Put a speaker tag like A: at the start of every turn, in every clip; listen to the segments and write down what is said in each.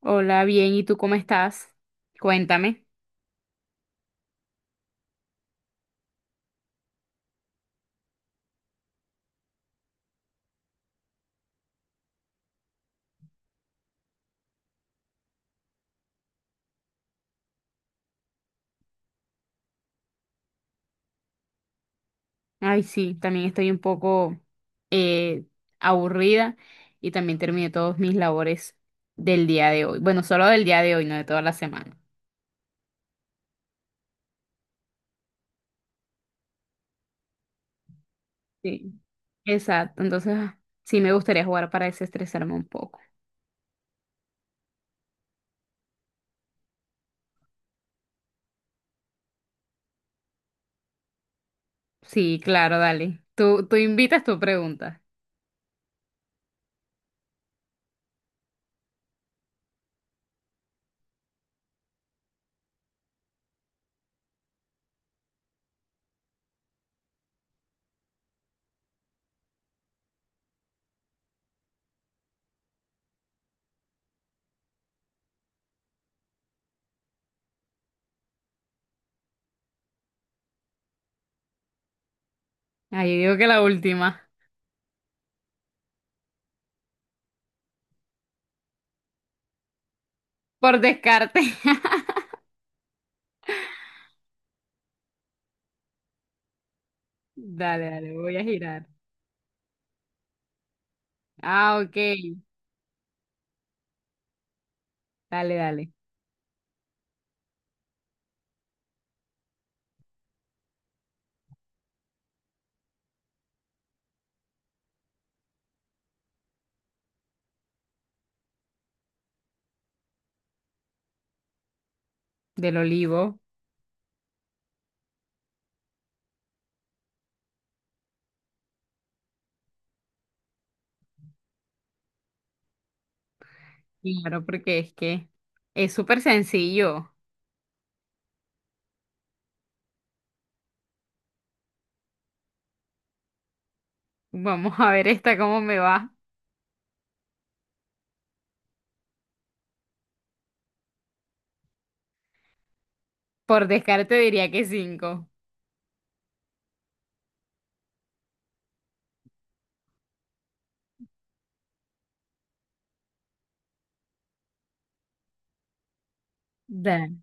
A: Hola, bien, ¿y tú cómo estás? Cuéntame. Ay, sí, también estoy un poco eh, aburrida y también terminé todos mis labores del día de hoy. Bueno, solo del día de hoy, no de toda la semana. Sí. Exacto, entonces sí me gustaría jugar para desestresarme un poco. Sí, claro, dale. Tú invitas tu pregunta. Ay, yo digo que la última, por descarte. Dale, voy a girar. Ah, ok. Dale, dale. Del olivo. Claro, porque es que es súper sencillo. Vamos a ver esta cómo me va. Por descarte diría que cinco. Dale,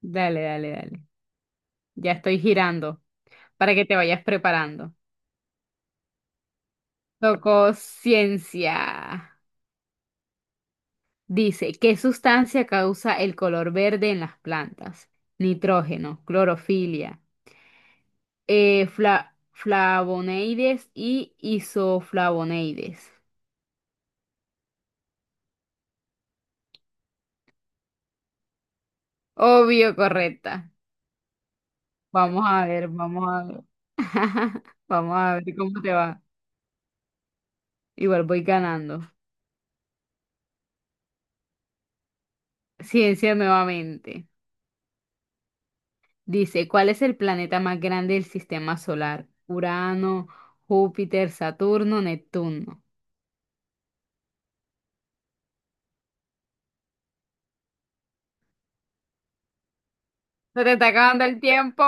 A: dale, dale. Ya estoy girando para que te vayas preparando. Tocó ciencia. Dice, ¿qué sustancia causa el color verde en las plantas? Nitrógeno, clorofilia, flavonoides y isoflavonoides. Obvio, correcta. Vamos a ver, vamos a ver. Vamos a ver cómo te va. Igual voy ganando. Ciencia nuevamente. Dice, ¿cuál es el planeta más grande del sistema solar? Urano, Júpiter, Saturno, Neptuno. Se te está acabando el tiempo.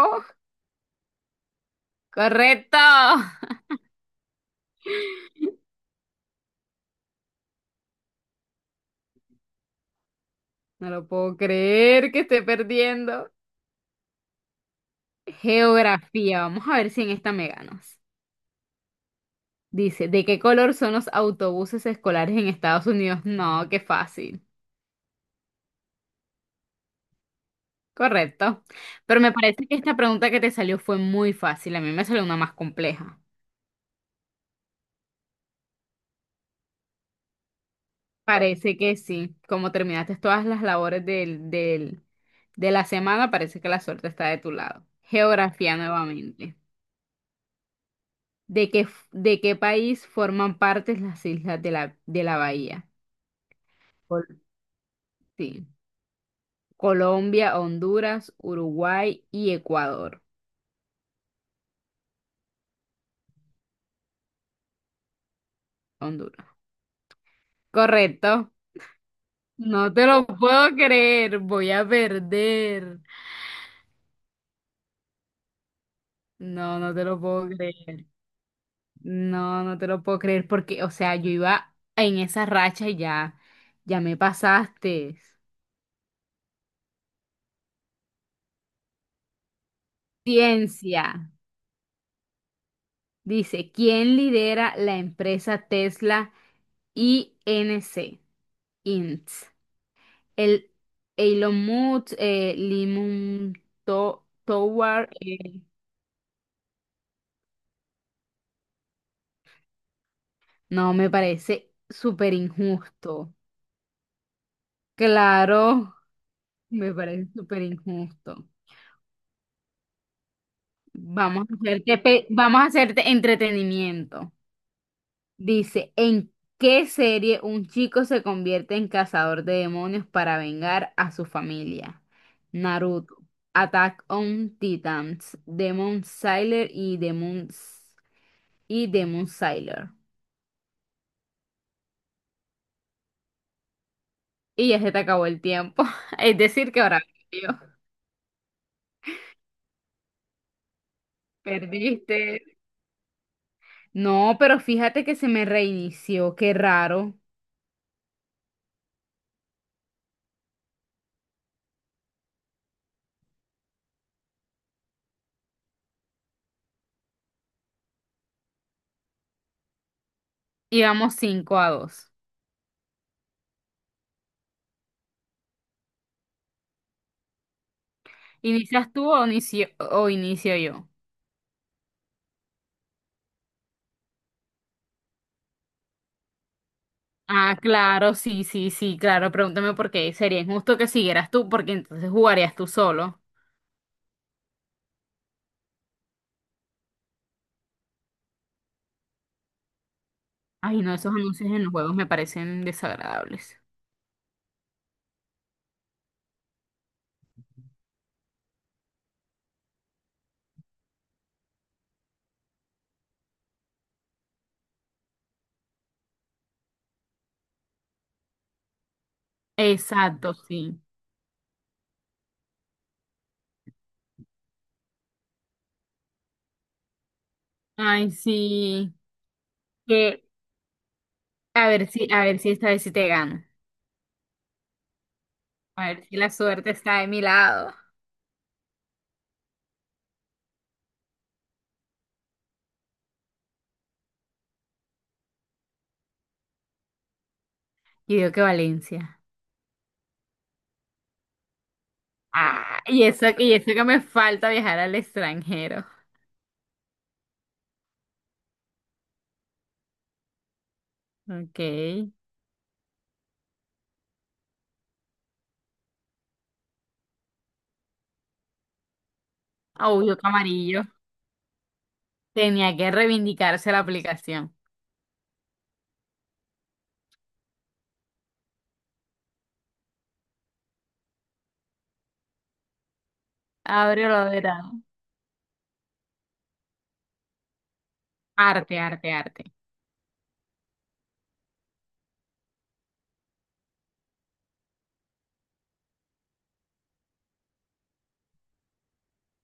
A: Correcto. No lo puedo creer que esté perdiendo. Geografía. Vamos a ver si en esta me ganas. Dice, ¿de qué color son los autobuses escolares en Estados Unidos? No, qué fácil. Correcto. Pero me parece que esta pregunta que te salió fue muy fácil. A mí me salió una más compleja. Parece que sí. Como terminaste todas las labores de la semana, parece que la suerte está de tu lado. Geografía nuevamente. ¿De qué, de qué país forman parte las islas de la bahía? Col- sí. Colombia, Honduras, Uruguay y Ecuador. Honduras. Correcto. No te lo puedo creer. Voy a perder. No, no te lo puedo creer. No, no te lo puedo creer porque, o sea, yo iba en esa racha y ya, ya me pasaste. Ciencia. Dice, ¿quién lidera la empresa Tesla I N C. Inc.? El Elon Musk, Limon Towar, no, me parece súper injusto. Claro, me parece súper injusto. Vamos a hacerte, vamos a hacerte entretenimiento. Dice, ¿en qué serie un chico se convierte en cazador de demonios para vengar a su familia? Naruto, Attack on Titans, Demon Slayer y Demon, y Demon Slayer. Y ya se te acabó el tiempo. Es decir, que ahora yo perdiste. No, pero fíjate que se me reinició. Qué raro. Íbamos 5-2. ¿Inicias tú o inicio yo? Ah, claro, sí, sí, sí, claro. Pregúntame por qué. Sería injusto que siguieras tú, porque entonces jugarías tú solo. Ay, no, esos anuncios en los juegos me parecen desagradables. Exacto, sí. Ay, sí. Que, a ver si esta vez sí te gano. A ver si la suerte está de mi lado. Y digo que Valencia. Ah, y eso que me falta viajar al extranjero. Ok. Audio Camarillo. Tenía que reivindicarse la aplicación. Abre lo verano. Arte, arte, arte.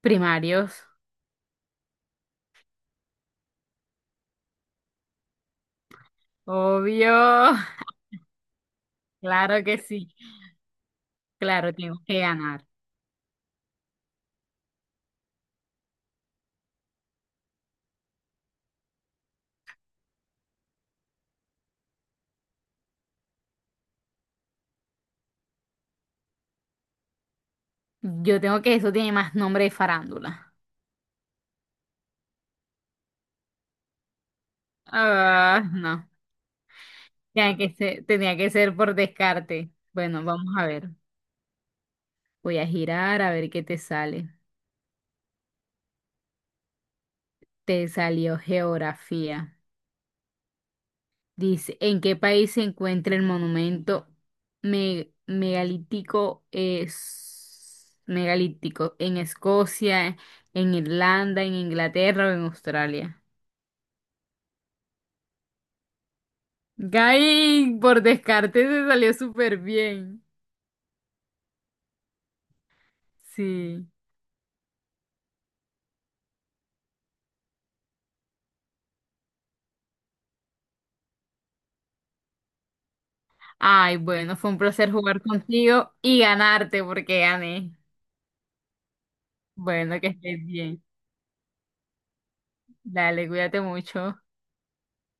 A: Primarios. Obvio. Claro que sí. Claro, tengo que ganar. Yo tengo que eso tiene más nombre de farándula. Ah, no. Tenía que ser por descarte. Bueno, vamos a ver. Voy a girar a ver qué te sale. Te salió geografía. Dice, ¿en qué país se encuentra el monumento megalítico, es, megalítico? ¿En Escocia, en Irlanda, en Inglaterra o en Australia? Gay, por descarte se salió súper bien. Sí. Ay, bueno, fue un placer jugar contigo y ganarte porque gané. Bueno, que estés bien. Dale, cuídate mucho.